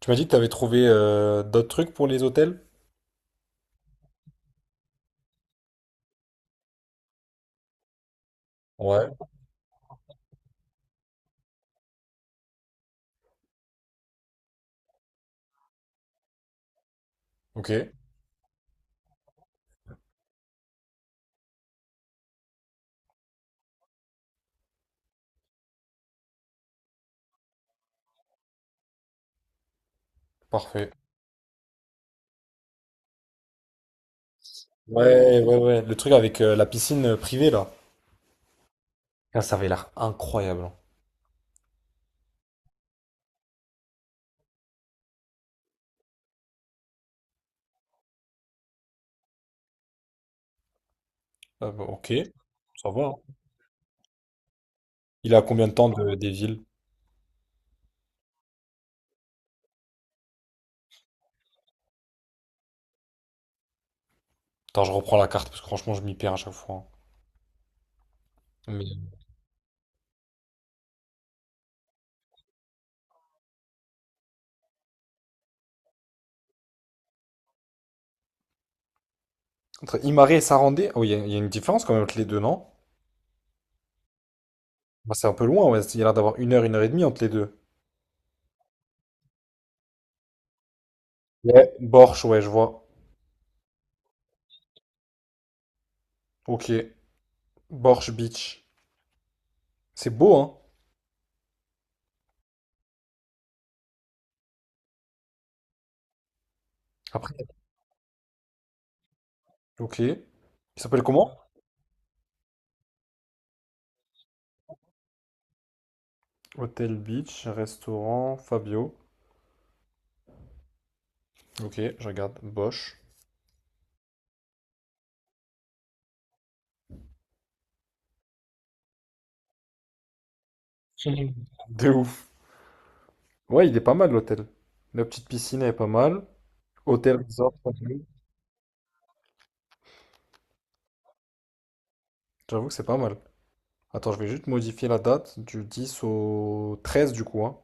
Tu m'as dit que tu avais trouvé d'autres trucs pour les hôtels? Ouais. Ok, parfait. Ouais, ouais, ouais. Le truc avec la piscine privée, là. Ah, ça avait l'air incroyable. Ah bah, ok, ça va, hein. Il est à combien de temps des villes? Attends, je reprends la carte parce que franchement, je m'y perds à chaque fois, hein. Mais... Entre Imare et Sarandé, oh, il y a une différence quand même entre les deux, non? Bah, c'est un peu loin, ouais. Il y a l'air d'avoir une heure et demie entre les deux. Ouais. Borch, ouais, je vois. Ok. Borch Beach. C'est beau, hein? Après. Ok. Il s'appelle comment? Hôtel Beach, restaurant Fabio. Ok, je regarde. Bosch. De ouf. Ouais, il est pas mal l'hôtel. La petite piscine est pas mal. Hôtel Resort, j'avoue que c'est pas mal. Attends, je vais juste modifier la date du 10 au 13 du coup, hein.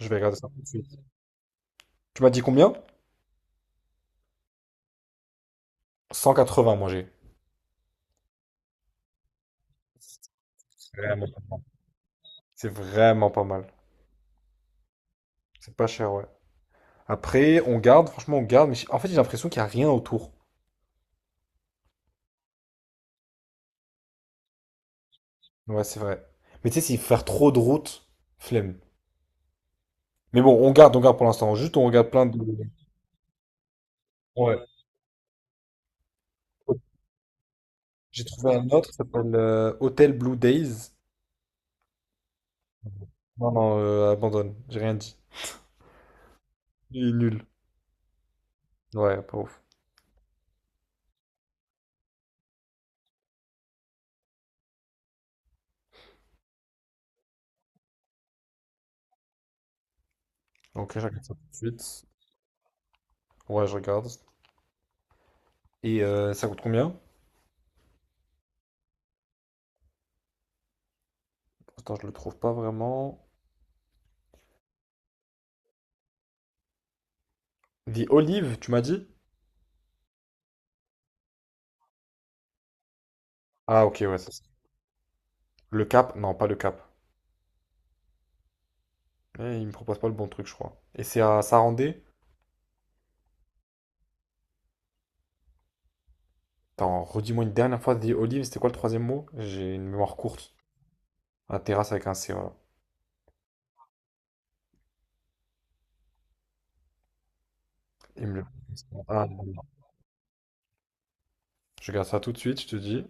Je vais regarder ça. Tu m'as dit combien? 180 moi j'ai. Vraiment. C'est vraiment pas mal. C'est pas cher, ouais. Après, on garde, franchement, on garde, mais en fait, j'ai l'impression qu'il n'y a rien autour. Ouais, c'est vrai. Mais tu sais, s'il faut faire trop de route, flemme. Mais bon, on garde pour l'instant. Juste, on regarde plein de. Ouais. J'ai trouvé un autre, ça s'appelle Hotel Blue Days. Non, non, abandonne. J'ai rien dit. Il est nul. Ouais, pas ouf. Ok, je regarde ça tout de suite. Ouais, je regarde. Et ça coûte combien? Attends, je le trouve pas vraiment. The Olive, tu m'as dit? Ah, ok, ouais, c'est ça. Le Cap? Non, pas le Cap. Eh, il me propose pas le bon truc, je crois. Et c'est à Sarandé? Attends, redis-moi une dernière fois The Olive, c'était quoi le troisième mot? J'ai une mémoire courte. Un terrasse avec un C, voilà. Il me le... Ah, je regarde ça tout de suite, je te dis.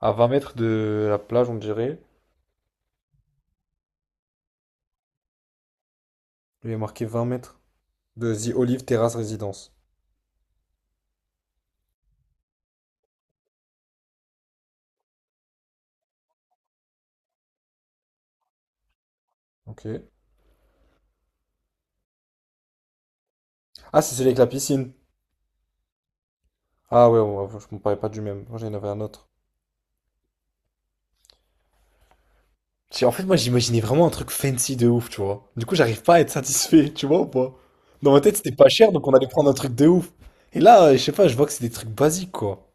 À 20 mètres de la plage, on dirait. Il est marqué 20 mètres de The Olive Terrace Résidence. Ok. Ah, c'est celui avec la piscine. Ah ouais, ouais, ouais, je me parlais pas du même. Moi, j'en avais un autre. En fait, moi, j'imaginais vraiment un truc fancy de ouf, tu vois. Du coup, j'arrive pas à être satisfait, tu vois ou pas? Dans ma tête, c'était pas cher, donc on allait prendre un truc de ouf. Et là, je sais pas, je vois que c'est des trucs basiques, quoi.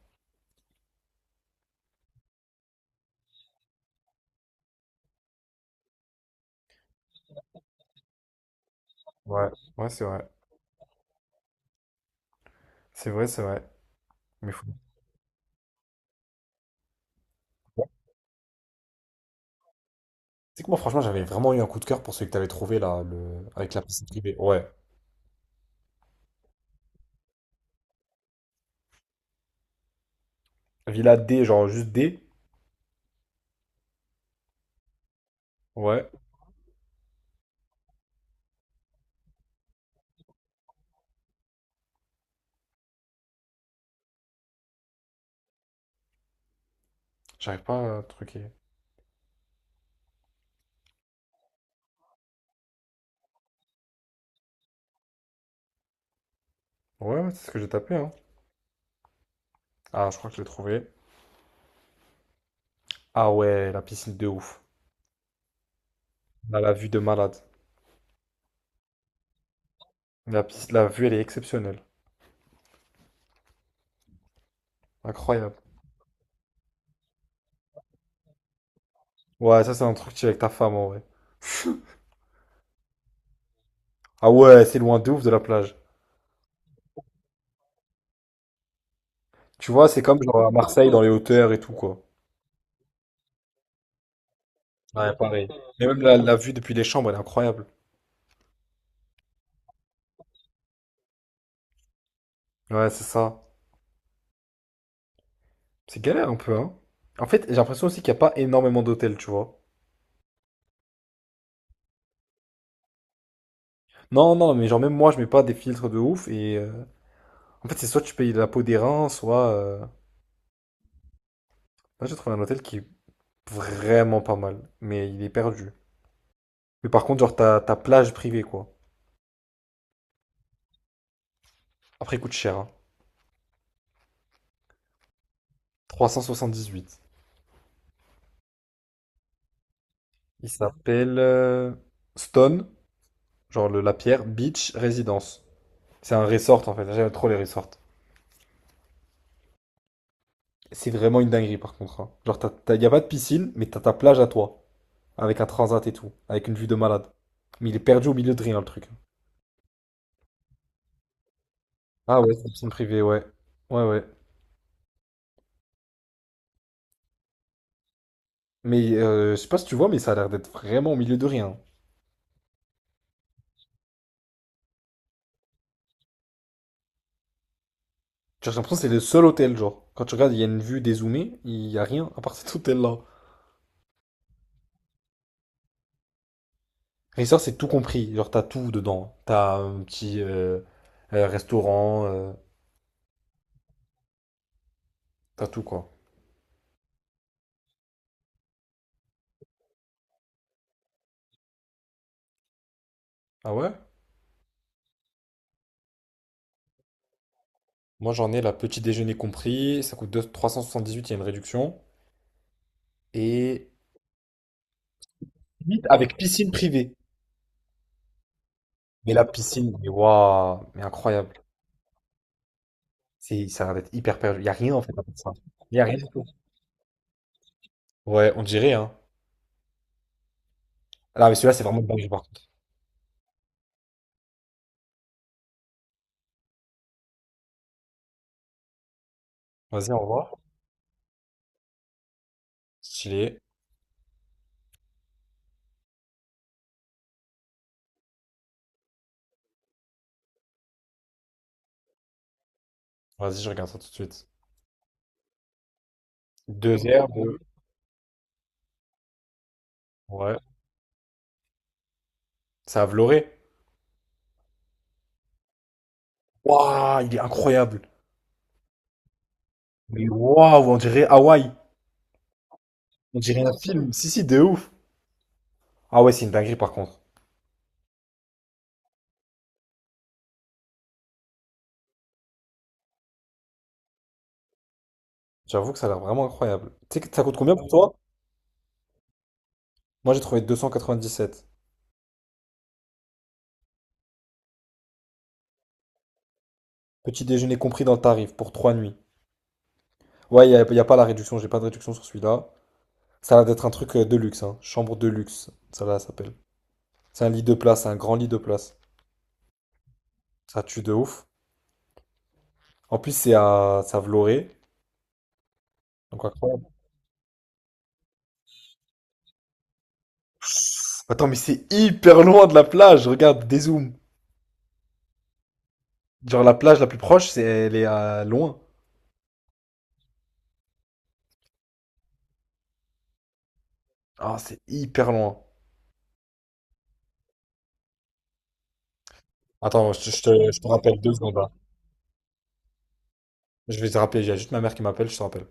Ouais, ouais, c'est vrai. C'est vrai, c'est vrai. Mais faut... C'est que moi, franchement, j'avais vraiment eu un coup de cœur pour celui que t'avais trouvé là, le... avec la piscine privée. Ouais. Villa D, genre juste D. Ouais, j'arrive pas à truquer. Ouais, ouais, c'est ce que j'ai tapé, hein. Ah, je crois que je l'ai trouvé. Ah ouais, la piscine de ouf. Là, la vue de malade. La, piscine, la vue, elle est exceptionnelle. Incroyable. Ouais, ça, c'est un truc que tu fais avec ta femme, en vrai. Ah ouais, c'est loin de ouf de la plage. Tu vois, c'est comme genre à Marseille, dans les hauteurs et tout, quoi. Ouais, pareil. Mais même la, la vue depuis les chambres, elle est incroyable. Ouais, c'est ça. C'est galère un peu, hein. En fait, j'ai l'impression aussi qu'il n'y a pas énormément d'hôtels, tu vois. Non, non, mais genre même moi, je mets pas des filtres de ouf et en fait, c'est soit tu payes la peau des reins, soit là, j'ai trouvé un hôtel qui est vraiment pas mal, mais il est perdu. Mais par contre, genre, ta plage privée, quoi. Après, il coûte cher, hein. Huit. Il s'appelle Stone, genre la pierre, Beach Residence. C'est un resort, en fait. J'aime trop les resorts. C'est vraiment une dinguerie, par contre, hein. Genre, y a pas de piscine, mais t'as ta plage à toi, avec un transat et tout, avec une vue de malade. Mais il est perdu au milieu de rien, le truc. Ah ouais, c'est une piscine privée, ouais. Ouais, ouais. Mais je sais pas si tu vois, mais ça a l'air d'être vraiment au milieu de rien. Genre, j'ai l'impression que c'est le seul hôtel, genre. Quand tu regardes, il y a une vue dézoomée, il y a rien à part cet hôtel-là. Resort, c'est tout compris. Genre, t'as tout dedans. T'as un petit restaurant, t'as tout, quoi. Ah ouais? Moi, j'en ai la petit déjeuner compris. Ça coûte 2 378 il y a une réduction. Et limite avec piscine privée. Mais la piscine, mais waouh, mais incroyable. C'est, ça a l'air d'être hyper perdu. Il y a rien, en fait, à part ça. Il y a rien du tout. Ouais, on dirait, hein. Là, mais celui-là, c'est vraiment de dingue, par contre. Vas-y, au revoir. Stylé. Vas-y, je regarde ça tout de suite. 2 heures de... Ouais. C'est à Vloré. Waouh, il est incroyable. Mais waouh, on dirait Hawaï. On dirait un film. Si, si, de ouf. Ah ouais, c'est une dinguerie par contre. J'avoue que ça a l'air vraiment incroyable. Tu sais que ça coûte combien pour toi? Moi, j'ai trouvé 297. Petit déjeuner compris dans le tarif pour 3 nuits. Ouais, y a pas la réduction. J'ai pas de réduction sur celui-là. Ça a l'air d'être un truc de luxe, hein. Chambre de luxe. Ça là, ça s'appelle. C'est un lit de place, c'est un grand lit de place. Ça tue de ouf. En plus, c'est à Vloré. Donc, incroyable. Attends, mais c'est hyper loin de la plage. Regarde, dézoom. Genre, la plage la plus proche, c'est, elle est à loin. Ah, c'est hyper loin. Attends, je te rappelle 2 secondes, là. Je vais te rappeler. Il y a juste ma mère qui m'appelle, je te rappelle.